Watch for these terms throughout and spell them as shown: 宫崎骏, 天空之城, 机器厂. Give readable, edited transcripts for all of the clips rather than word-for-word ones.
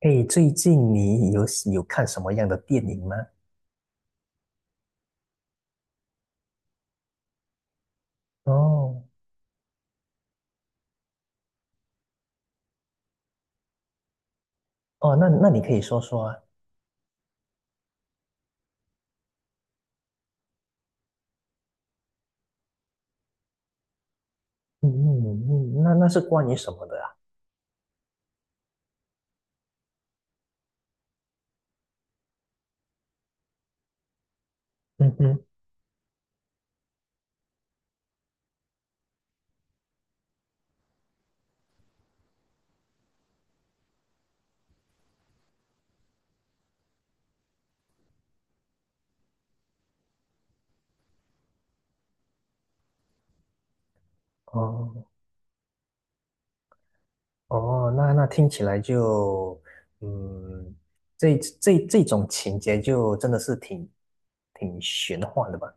哎，最近你有看什么样的电影吗？哦哦，那你可以说说啊。嗯嗯嗯，那是关于什么的啊？嗯哼，哦哦，那听起来就，嗯，这种情节就真的是挺玄幻的吧？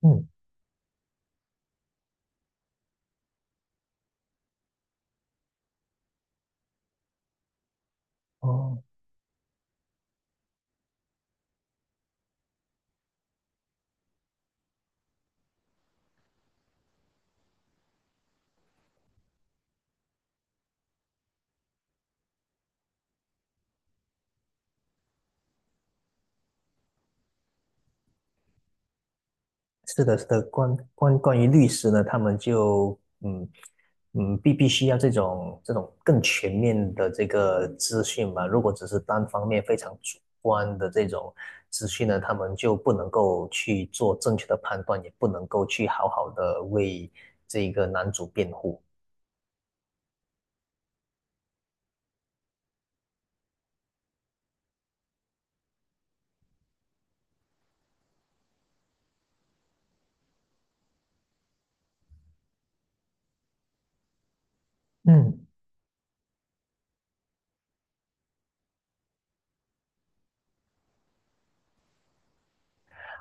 嗯，哦是的，是的，关于律师呢，他们就嗯嗯，必须要这种更全面的这个资讯嘛。如果只是单方面非常主观的这种资讯呢，他们就不能够去做正确的判断，也不能够去好好的为这个男主辩护。嗯，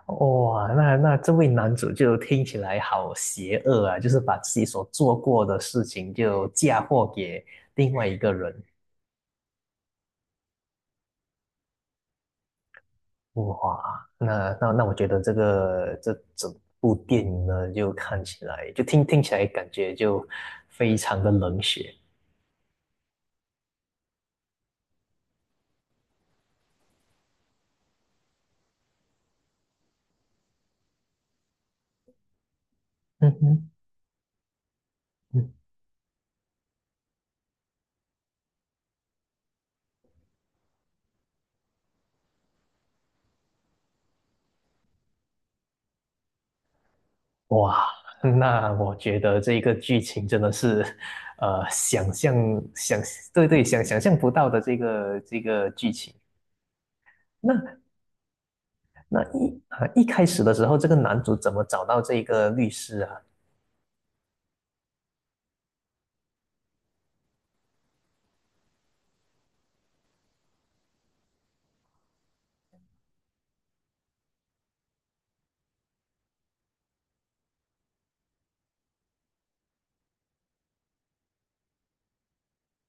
哇，那这位男主就听起来好邪恶啊，就是把自己所做过的事情就嫁祸给另外一个人。哇，那我觉得这个这整部电影呢，就看起来就听起来感觉就非常的冷血。嗯哼，嗯哇，那我觉得这个剧情真的是，想象想对对想象不到的这个这个剧情。那一开始的时候，这个男主怎么找到这个律师啊？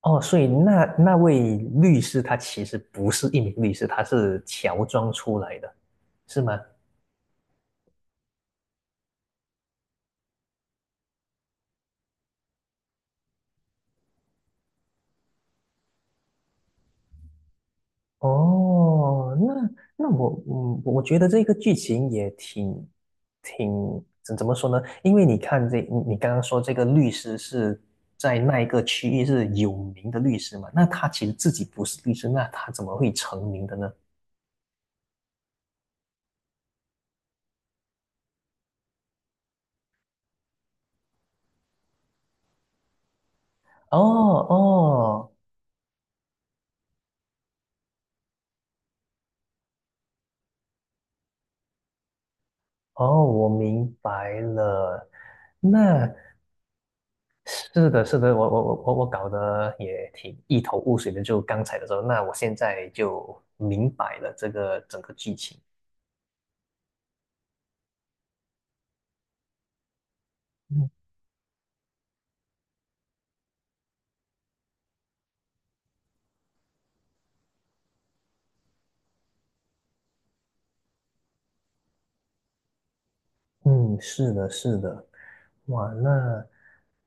哦，所以那位律师他其实不是一名律师，他是乔装出来的，是吗？哦，那那我我觉得这个剧情也挺怎么说呢？因为你看这你刚刚说这个律师是在那一个区域是有名的律师嘛，那他其实自己不是律师，那他怎么会成名的呢？哦哦哦，我明白了。那是的，是的，我搞得也挺一头雾水的，就刚才的时候，那我现在就明白了这个整个剧情。嗯，嗯，是的，是的，哇，那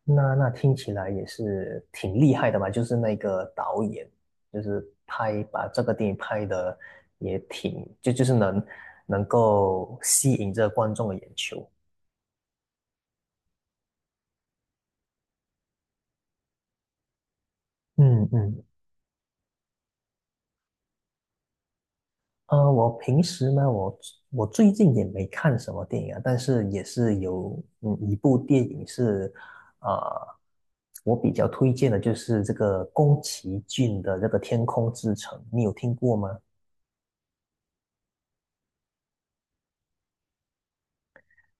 那听起来也是挺厉害的嘛，就是那个导演，就是拍把这个电影拍的也挺，就就是能够吸引这观众的眼球。嗯嗯我平时呢，我我最近也没看什么电影啊，但是也是有嗯一部电影是，呃，我比较推荐的就是这个宫崎骏的这个《天空之城》，你有听过吗？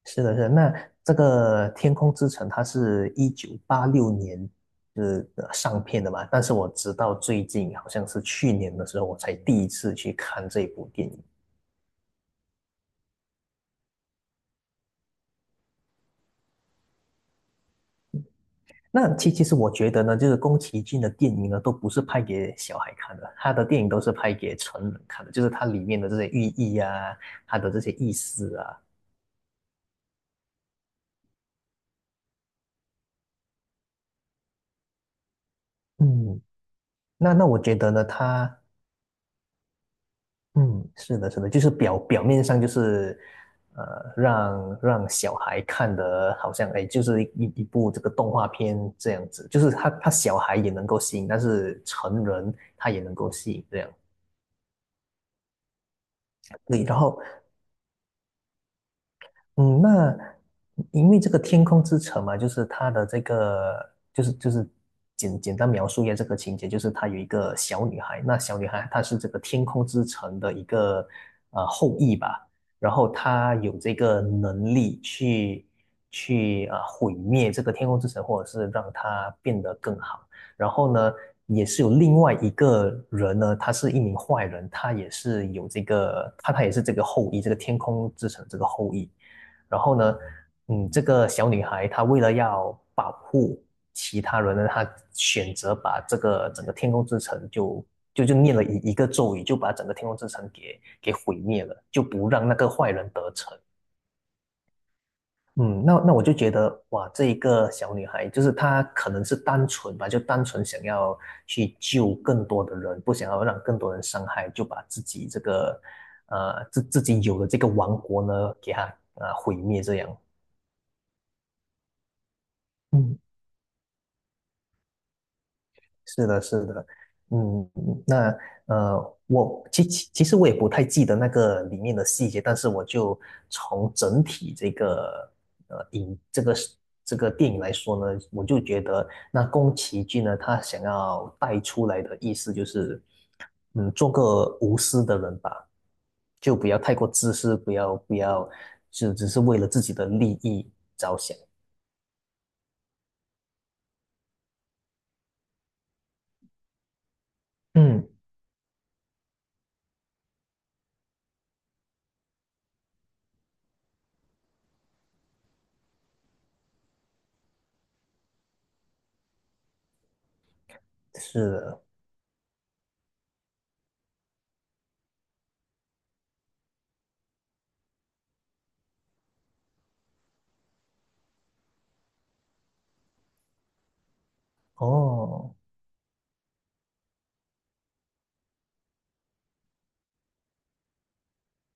是的，是的。那这个《天空之城》它是1986年是上片的嘛，但是我直到最近好像是去年的时候，我才第一次去看这部电影。那其实我觉得呢，就是宫崎骏的电影呢，都不是拍给小孩看的，他的电影都是拍给成人看的，就是它里面的这些寓意啊，它的这些意思啊，嗯，那那我觉得呢，他嗯，是的，是的，就是表面上就是让小孩看的好像哎，就是一部这个动画片这样子，就是他小孩也能够吸引，但是成人他也能够吸引这样，对，然后。嗯，那因为这个《天空之城》嘛，就是它的这个，就是简单描述一下这个情节，就是她有一个小女孩，那小女孩她是这个天空之城的一个后裔吧，然后她有这个能力去去毁灭这个天空之城，或者是让它变得更好。然后呢，也是有另外一个人呢，他是一名坏人，他也是有这个，他也是这个后裔，这个天空之城这个后裔。然后呢，嗯，这个小女孩她为了要保护其他人呢，她选择把这个整个天空之城就念了一个咒语，就把整个天空之城给毁灭了，就不让那个坏人得逞。嗯，那那我就觉得哇，这一个小女孩就是她可能是单纯吧，就单纯想要去救更多的人，不想要让更多人伤害，就把自己这个呃自自己有的这个王国呢给她毁灭这样。嗯，是的，是的，嗯，那我其实我也不太记得那个里面的细节，但是我就从整体这个这个是这个电影来说呢，我就觉得那宫崎骏呢，他想要带出来的意思就是，嗯，做个无私的人吧，就不要太过自私，不要就只是为了自己的利益着想。嗯，是的，哦。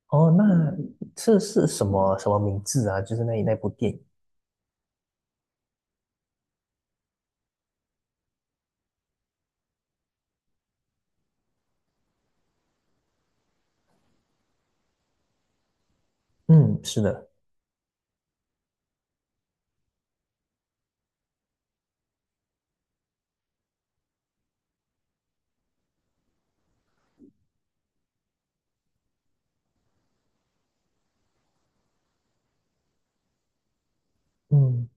哦，那这是什么什么名字啊？就是那那部电影，嗯，是的，嗯，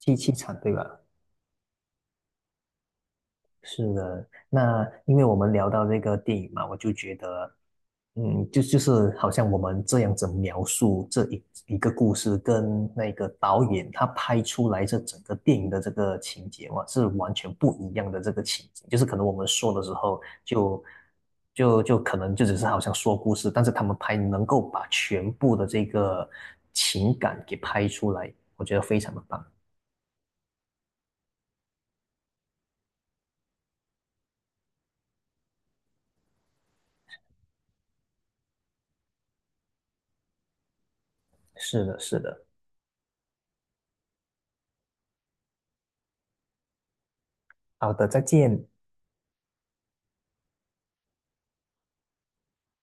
机器厂对吧？是的，那因为我们聊到这个电影嘛，我就觉得，嗯，就就是好像我们这样子描述这一个故事，跟那个导演他拍出来这整个电影的这个情节嘛，是完全不一样的这个情节。就是可能我们说的时候就，就就可能就只是好像说故事，但是他们拍能够把全部的这个情感给拍出来，我觉得非常的棒。是的，是的。好的，再见。